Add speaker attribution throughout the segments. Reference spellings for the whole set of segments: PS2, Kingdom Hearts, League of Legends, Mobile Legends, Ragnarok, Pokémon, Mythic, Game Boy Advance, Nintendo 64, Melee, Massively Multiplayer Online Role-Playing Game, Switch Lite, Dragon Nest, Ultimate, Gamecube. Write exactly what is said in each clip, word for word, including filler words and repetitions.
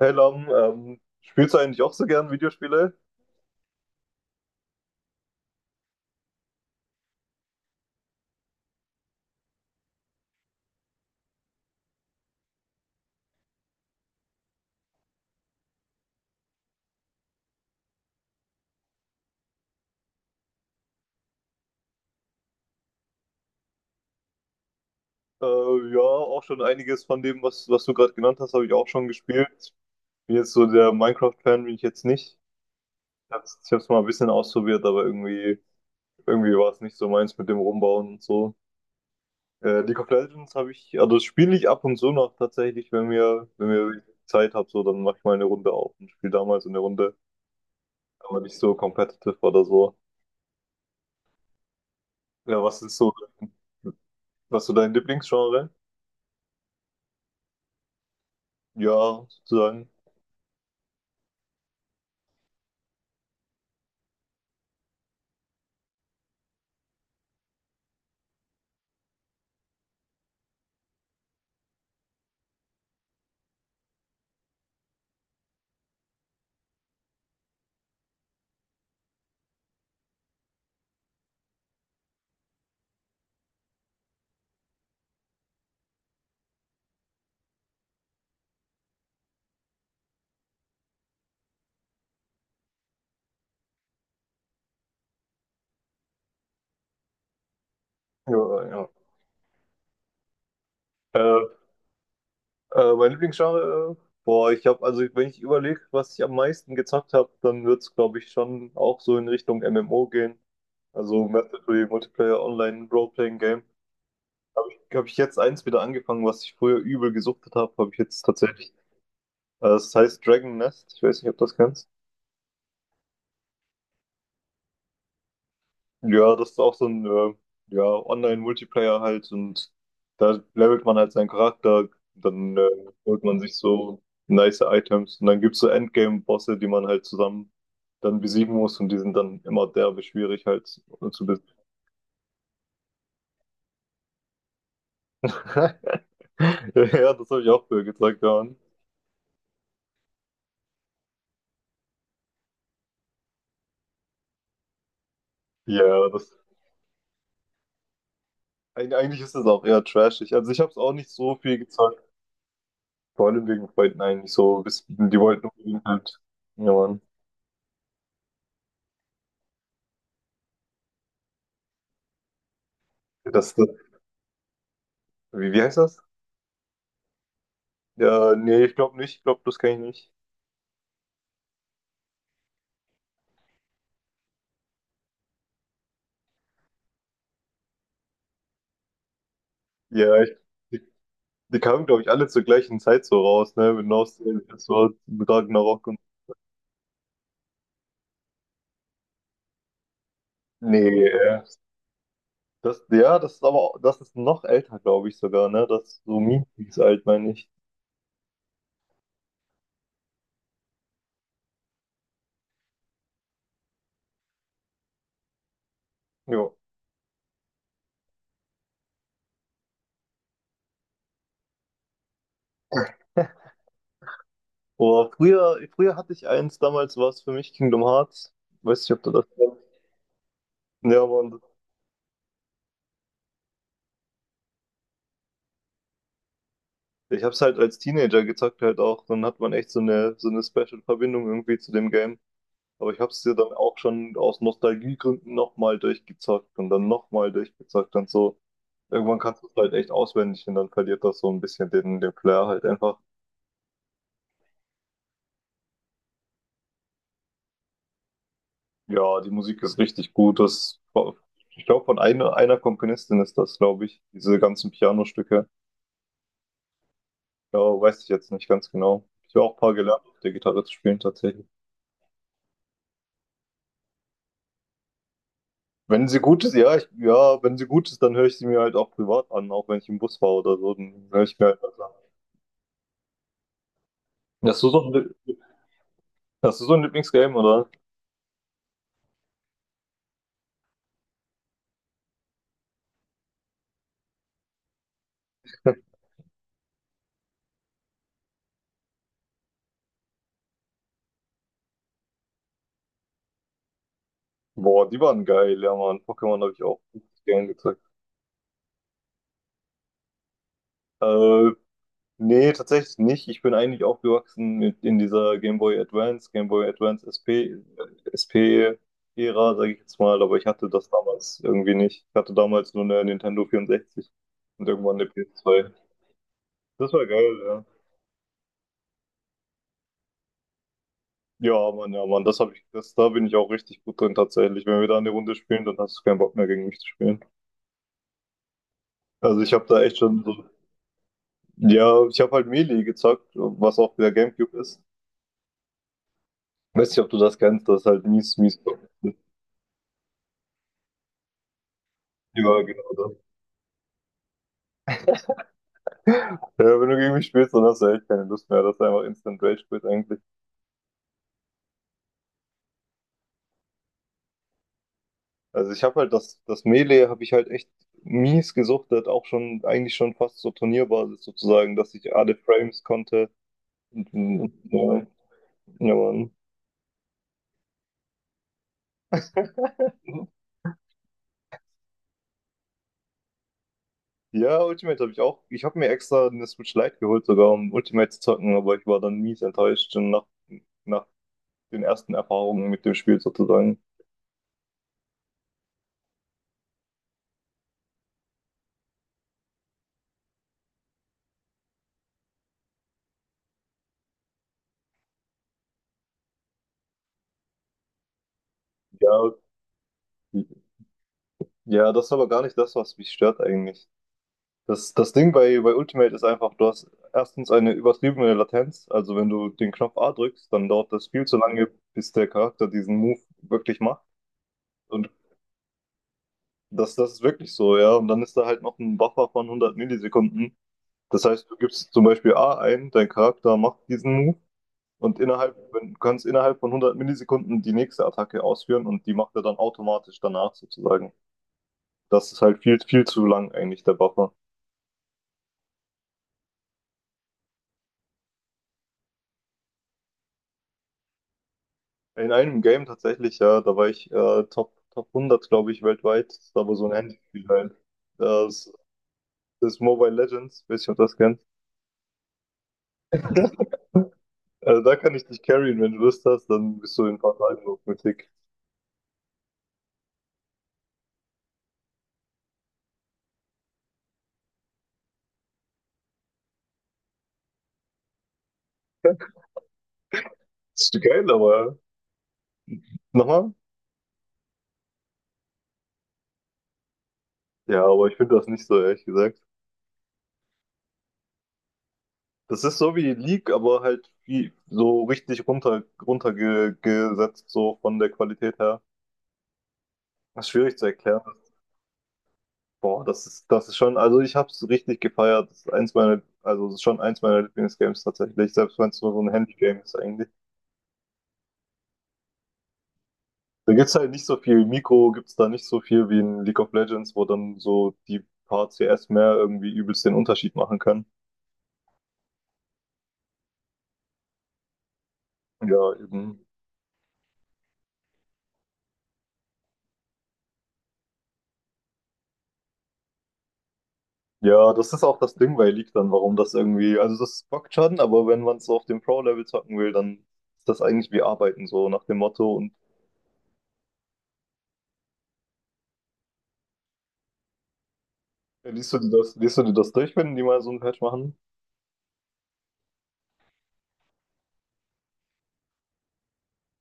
Speaker 1: Hey Lam, ähm, spielst du eigentlich auch so gern Videospiele? Äh, ja, auch schon einiges von dem, was, was du gerade genannt hast, habe ich auch schon gespielt. Bin jetzt so der Minecraft-Fan, bin ich jetzt nicht. Ich hab's, ich hab's mal ein bisschen ausprobiert, aber irgendwie, irgendwie war es nicht so meins mit dem Rumbauen und so. Äh, League of Legends habe ich, also das spiele ich ab und zu noch tatsächlich, wenn mir, wenn mir Zeit habe, so, dann mache ich mal eine Runde auf und spiele damals eine Runde, aber nicht so competitive oder so. Ja, was ist so, was ist so dein Lieblingsgenre? Ja, sozusagen. Ja, ja, Äh, äh, Mein Lieblingsgenre? äh, Boah, ich habe, also wenn ich überlege, was ich am meisten gezockt habe, dann wird's glaub glaube ich, schon auch so in Richtung M M O gehen. Also Massively Multiplayer Online Role-Playing Game. Habe ich jetzt eins wieder angefangen, was ich früher übel gesuchtet habe, habe ich jetzt tatsächlich. Äh, es heißt Dragon Nest. Ich weiß nicht, ob du das kennst. Ja, das ist auch so ein äh, ja, Online-Multiplayer halt und da levelt man halt seinen Charakter, dann äh, holt man sich so nice Items und dann gibt's so Endgame-Bosse, die man halt zusammen dann besiegen muss und die sind dann immer derbe schwierig halt zu besiegen. Ja, das habe ich auch früher gezeigt, ja. Ja, das, eig- eigentlich ist es auch eher trashig. Also ich habe es auch nicht so viel gezockt, vor allem wegen Freunden eigentlich so. bis- Die wollten unbedingt halt, ja Mann, das, das, wie, wie heißt das? Ja, nee, ich glaube nicht. Ich glaube, das kenne ich nicht. Ja, ich, die, die kamen, glaube ich, alle zur gleichen Zeit so raus, ne? Mit Nostalgia, das war mit Ragnarok und. Nee, äh, das, ja, das ist aber, auch- das ist noch älter, glaube ich sogar, ne? Das ist so mies alt, meine ich. Ja. Oder früher, früher hatte ich eins, damals war es für mich Kingdom Hearts. Weiß nicht, ob du das kennst. Ja, Mann. Ich hab's halt als Teenager gezockt halt auch. Dann hat man echt so eine, so eine Special Verbindung irgendwie zu dem Game. Aber ich habe es dir dann auch schon aus Nostalgiegründen nochmal durchgezockt und dann nochmal durchgezockt und so. Irgendwann kannst du es halt echt auswendig und dann verliert das so ein bisschen den, den Flair halt einfach. Ja, die Musik ist richtig gut. Das, ich glaube, von einer, einer Komponistin ist das, glaube ich, diese ganzen Pianostücke. Ja, weiß ich jetzt nicht ganz genau. Ich habe auch ein paar gelernt, auf der Gitarre zu spielen tatsächlich. Wenn sie gut ist, ja, ich, ja, wenn sie gut ist, dann höre ich sie mir halt auch privat an, auch wenn ich im Bus war oder so, dann höre ich mir halt was an. Hast du so ein, Lie- Hast du so ein Lieblingsgame, oder? Boah, die waren geil, ja Mann. Pokémon habe ich auch richtig gern gezeigt. Äh, Nee, tatsächlich nicht. Ich bin eigentlich aufgewachsen mit in dieser Game Boy Advance, Game Boy Advance S P, S P-Ära, sage ich jetzt mal, aber ich hatte das damals irgendwie nicht. Ich hatte damals nur eine Nintendo vierundsechzig und irgendwann eine P S zwei. Das war geil, ja. Ja, Mann, ja, Mann, das habe ich, das, da bin ich auch richtig gut drin tatsächlich. Wenn wir da eine Runde spielen, dann hast du keinen Bock mehr gegen mich zu spielen. Also ich habe da echt schon so. Ja, ich habe halt Melee gezockt, was auch der Gamecube ist. Weiß nicht, ob du das kennst, das ist halt mies, mies. Ja, genau das. Ja, wenn du gegen mich spielst, dann hast du echt keine Lust mehr. Das ist einfach Instant Rage Quit eigentlich. Also ich habe halt das, das Melee habe ich halt echt mies gesuchtet, auch schon, eigentlich schon fast so Turnierbasis sozusagen, dass ich alle Frames konnte. Und, ja, ja, Mann. Ja, Ultimate habe ich auch. Ich habe mir extra eine Switch Lite geholt sogar, um Ultimate zu zocken, aber ich war dann mies enttäuscht schon nach, nach den ersten Erfahrungen mit dem Spiel sozusagen. Ja, ja, das ist aber gar nicht das, was mich stört eigentlich. Das, das Ding bei, bei Ultimate ist einfach, du hast erstens eine übertriebene Latenz. Also wenn du den Knopf A drückst, dann dauert das viel zu lange, bis der Charakter diesen Move wirklich macht. Und das, das ist wirklich so, ja. Und dann ist da halt noch ein Buffer von hundert Millisekunden. Das heißt, du gibst zum Beispiel A ein, dein Charakter macht diesen Move und innerhalb, wenn- du kannst innerhalb von hundert Millisekunden die nächste Attacke ausführen und die macht er dann automatisch danach sozusagen. Das ist halt viel, viel zu lang eigentlich, der Buffer. In einem Game tatsächlich, ja, da war ich äh, Top, Top hundert, glaube ich, weltweit. Das war aber so ein Handyspiel halt. Das, das ist Mobile Legends, weiß nicht, ob das kennt. Also da kann ich dich carryen, wenn du Lust hast, dann bist du in ein paar Tagen auf Mythic. Ist geil, aber ja. Nochmal? Ja, aber ich finde das nicht so, ehrlich gesagt. Das ist so wie League, aber halt wie so richtig runter runtergesetzt, so von der Qualität her. Das ist schwierig zu erklären. Boah, das ist, das ist schon, also ich hab's richtig gefeiert. Das ist eins meiner, also es ist schon eins meiner Lieblingsgames tatsächlich, selbst wenn es nur so ein Handygame ist eigentlich. Da gibt's halt nicht so viel Mikro, gibt's da nicht so viel wie in League of Legends, wo dann so die paar C S mehr irgendwie übelst den Unterschied machen können. Ja, eben. Ja, das ist auch das Ding bei League dann, warum das irgendwie, also das bockt schon, aber wenn man es so auf dem Pro-Level zocken will, dann ist das eigentlich wie Arbeiten, so nach dem Motto. Und äh, liest du dir das, liest du dir das durch, wenn die mal so ein Patch machen?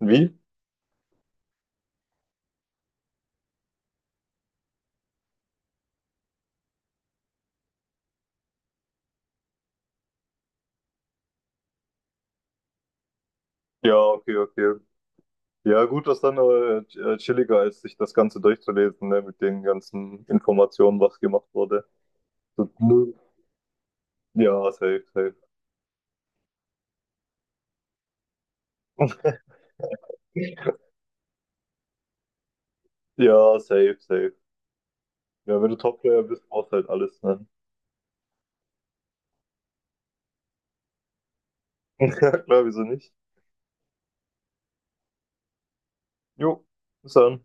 Speaker 1: Wie? Ja, okay, okay. Ja, gut, das ist dann äh, chilliger, als sich das Ganze durchzulesen, ne, mit den ganzen Informationen, was gemacht wurde. So, null- Ja, safe, safe. Ja, safe, safe. Ja, wenn du Top-Player bist, brauchst du halt alles, ne? Ja, klar, wieso nicht? Jo, bis dann.